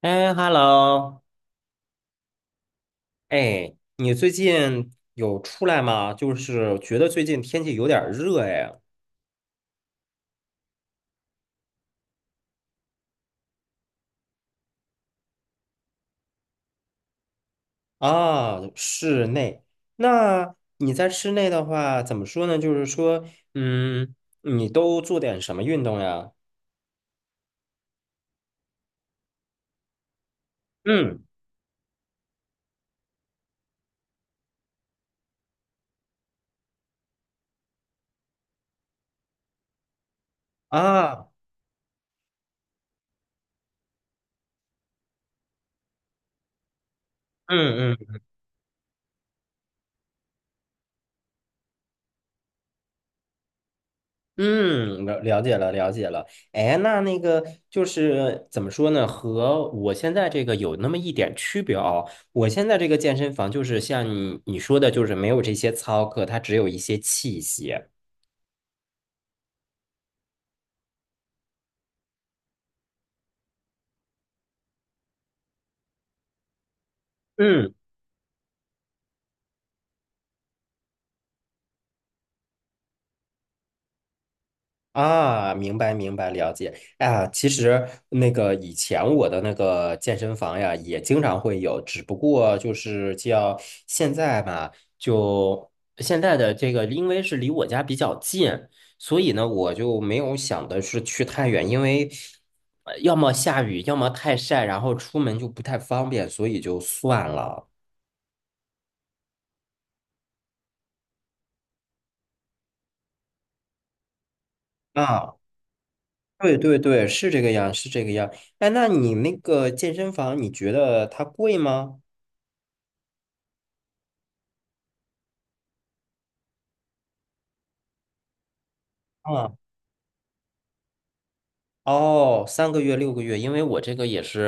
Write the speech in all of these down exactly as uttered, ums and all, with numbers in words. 哎，hello，哎，你最近有出来吗？就是觉得最近天气有点儿热哎。啊，室内。那你在室内的话，怎么说呢？就是说，嗯，你都做点什么运动呀？嗯，啊，嗯嗯嗯，了了解了，了解了。哎，那那个就是怎么说呢？和我现在这个有那么一点区别哦。我现在这个健身房就是像你你说的，就是没有这些操课，它只有一些器械。嗯，啊，明白明白，了解。啊，其实那个以前我的那个健身房呀，也经常会有，只不过就是叫现在吧，就现在的这个，因为是离我家比较近，所以呢，我就没有想的是去太远，因为呃要么下雨，要么太晒，然后出门就不太方便，所以就算了。啊，对对对，是这个样，是这个样。哎，那你那个健身房，你觉得它贵吗？啊。哦，三个月、六个月，因为我这个也是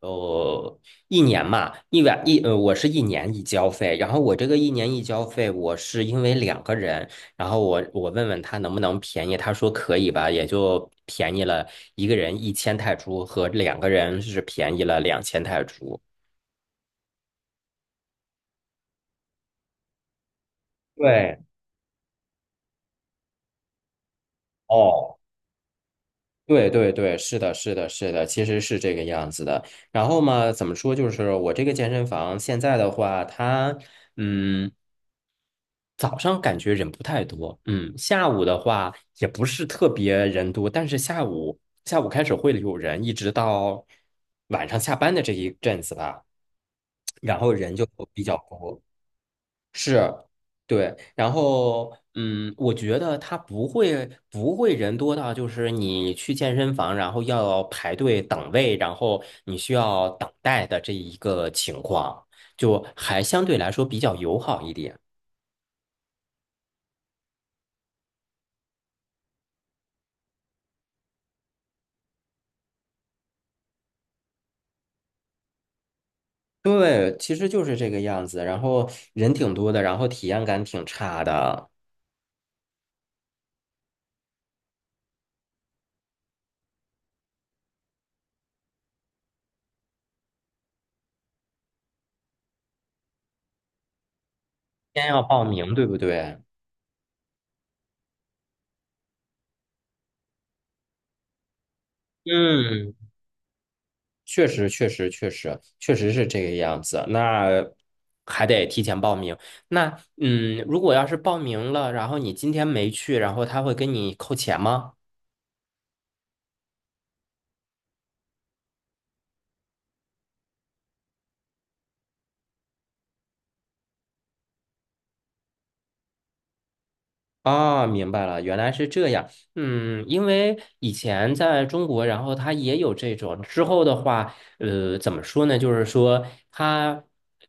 呃一年嘛，一晚一呃，我是一年一交费，然后我这个一年一交费，我是因为两个人，然后我我问问他能不能便宜，他说可以吧，也就便宜了一个人一千泰铢和两个人是便宜了两千泰铢。对，哦，对对对，是的，是的，是的，其实是这个样子的。然后嘛，怎么说？就是我这个健身房现在的话，它。嗯，早上感觉人不太多，嗯，下午的话也不是特别人多，但是下午下午开始会有人，一直到晚上下班的这一阵子吧，然后人就比较多，是，对，然后嗯，我觉得他不会不会人多到就是你去健身房，然后要排队等位，然后你需要等待的这一个情况，就还相对来说比较友好一点。对，其实就是这个样子。然后人挺多的，然后体验感挺差的。先要报名，对不对？嗯，确实，确实，确实，确实是这个样子。那还得提前报名。那嗯，如果要是报名了，然后你今天没去，然后他会跟你扣钱吗？啊，明白了，原来是这样。嗯，因为以前在中国，然后他也有这种。之后的话，呃，怎么说呢？就是说他，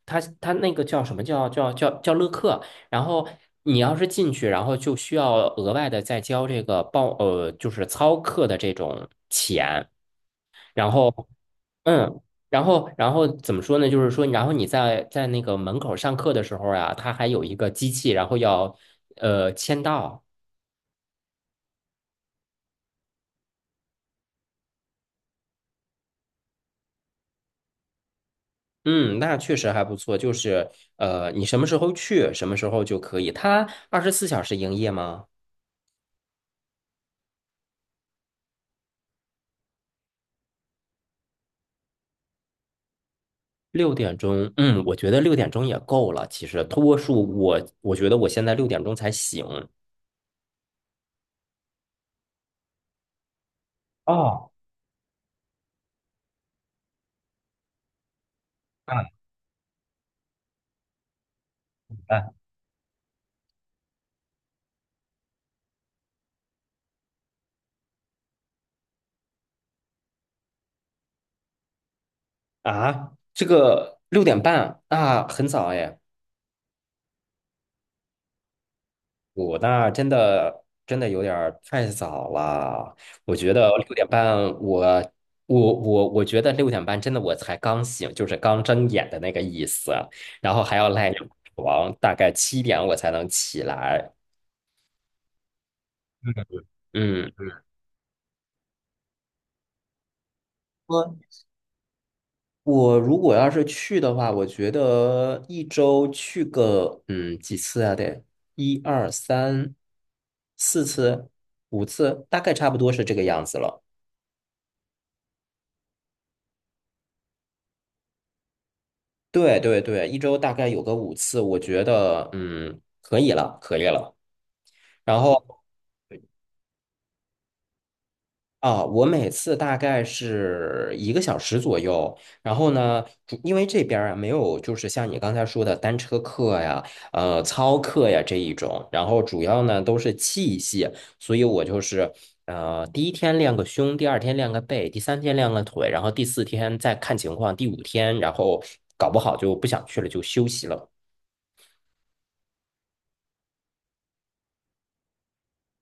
他，他那个叫什么叫叫叫叫乐课。然后你要是进去，然后就需要额外的再交这个报，呃，就是操课的这种钱。然后，嗯。然后，然后怎么说呢？就是说，然后你在在那个门口上课的时候呀啊，他还有一个机器，然后要呃签到。嗯，那确实还不错，就是呃，你什么时候去，什么时候就可以。它二十四小时营业吗？六点钟，嗯，我觉得六点钟也够了。其实多数我我觉得我现在六点钟才醒。哦，啊嗯，啊，这个六点半啊，很早哎。我那真的真的有点儿太早了，我觉得嗯六点半我，我我我觉得六点半真的我才刚醒，就是刚睁眼的那个意思，然后还要赖着床，大概七点我才能起来。嗯，我我如果要是去的话，我觉得一周去个嗯几次啊？得一二三四次，五次，大概差不多是这个样子了。对对对，一周大概有个五次，我觉得嗯可以了，可以了。然后啊，我每次大概是一个小时左右。然后呢，主因为这边儿啊没有就是像你刚才说的单车课呀、呃操课呀这一种，然后主要呢都是器械，所以我就是呃第一天练个胸，第二天练个背，第三天练个腿，然后第四天再看情况，第五天然后搞不好就不想去了就休息了。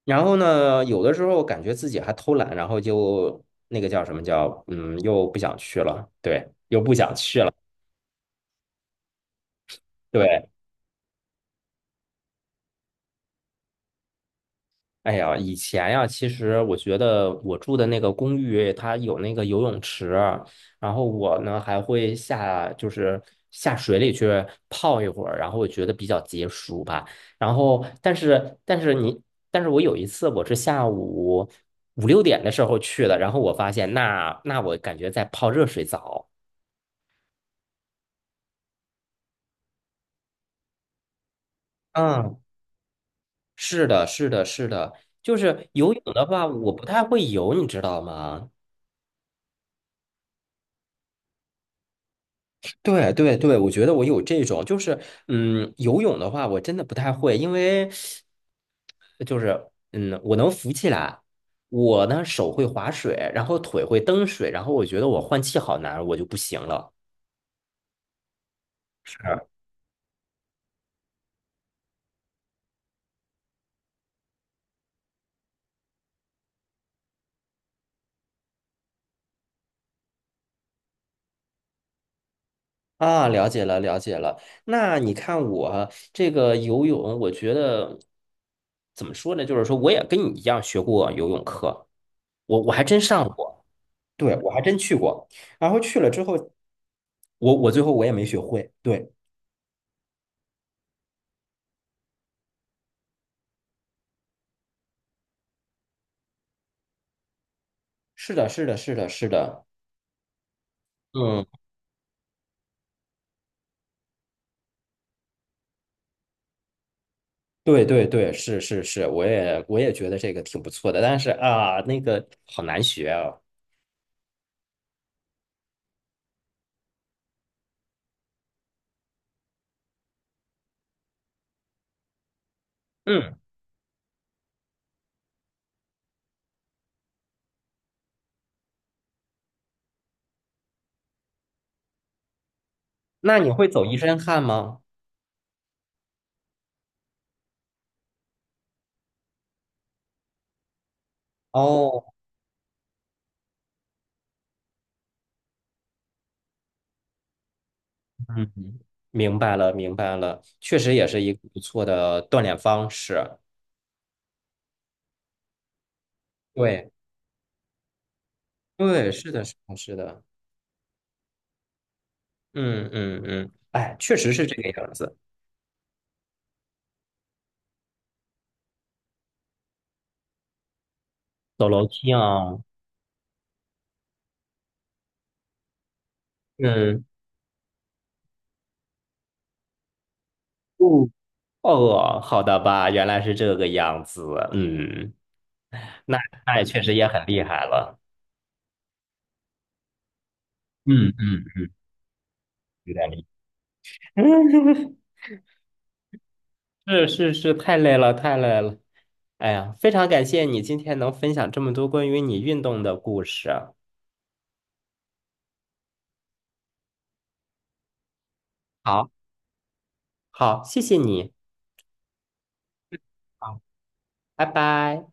然后呢，有的时候感觉自己还偷懒，然后就那个叫什么叫，嗯，又不想去了，对，又不想去了，对。哎呀，以前呀，其实我觉得我住的那个公寓，它有那个游泳池，然后我呢还会下，就是下水里去泡一会儿，然后我觉得比较解暑吧。然后，但是，但是你，但是我有一次我是下午五六点的时候去的，然后我发现那那我感觉在泡热水澡。嗯，是的，是的，是的，就是游泳的话，我不太会游，你知道吗？对对对，我觉得我有这种，就是嗯，游泳的话，我真的不太会，因为就是嗯，我能浮起来，我呢手会划水，然后腿会蹬水，然后我觉得我换气好难，我就不行了。是啊，了解了，了解了。那你看我这个游泳，我觉得怎么说呢？就是说，我也跟你一样学过游泳课。我我还真上过，对，我还真去过，然后去了之后，我我最后我也没学会，对，是的，是的，是的，是的，嗯，对对对，是是是，我也我也觉得这个挺不错的，但是啊，那个好难学啊，嗯，那你会走一身汗吗？哦，嗯，明白了，明白了，确实也是一个不错的锻炼方式，对对，是的，是的，是的，嗯嗯嗯，哎，确实是这个样子，走楼梯啊，嗯。不。哦，好的吧，原来是这个样子。嗯，那那也确实也很厉害了，嗯嗯，有点厉害。是是是，太累了，太累了。哎呀，非常感谢你今天能分享这么多关于你运动的故事。好，好，谢谢你。好，拜拜。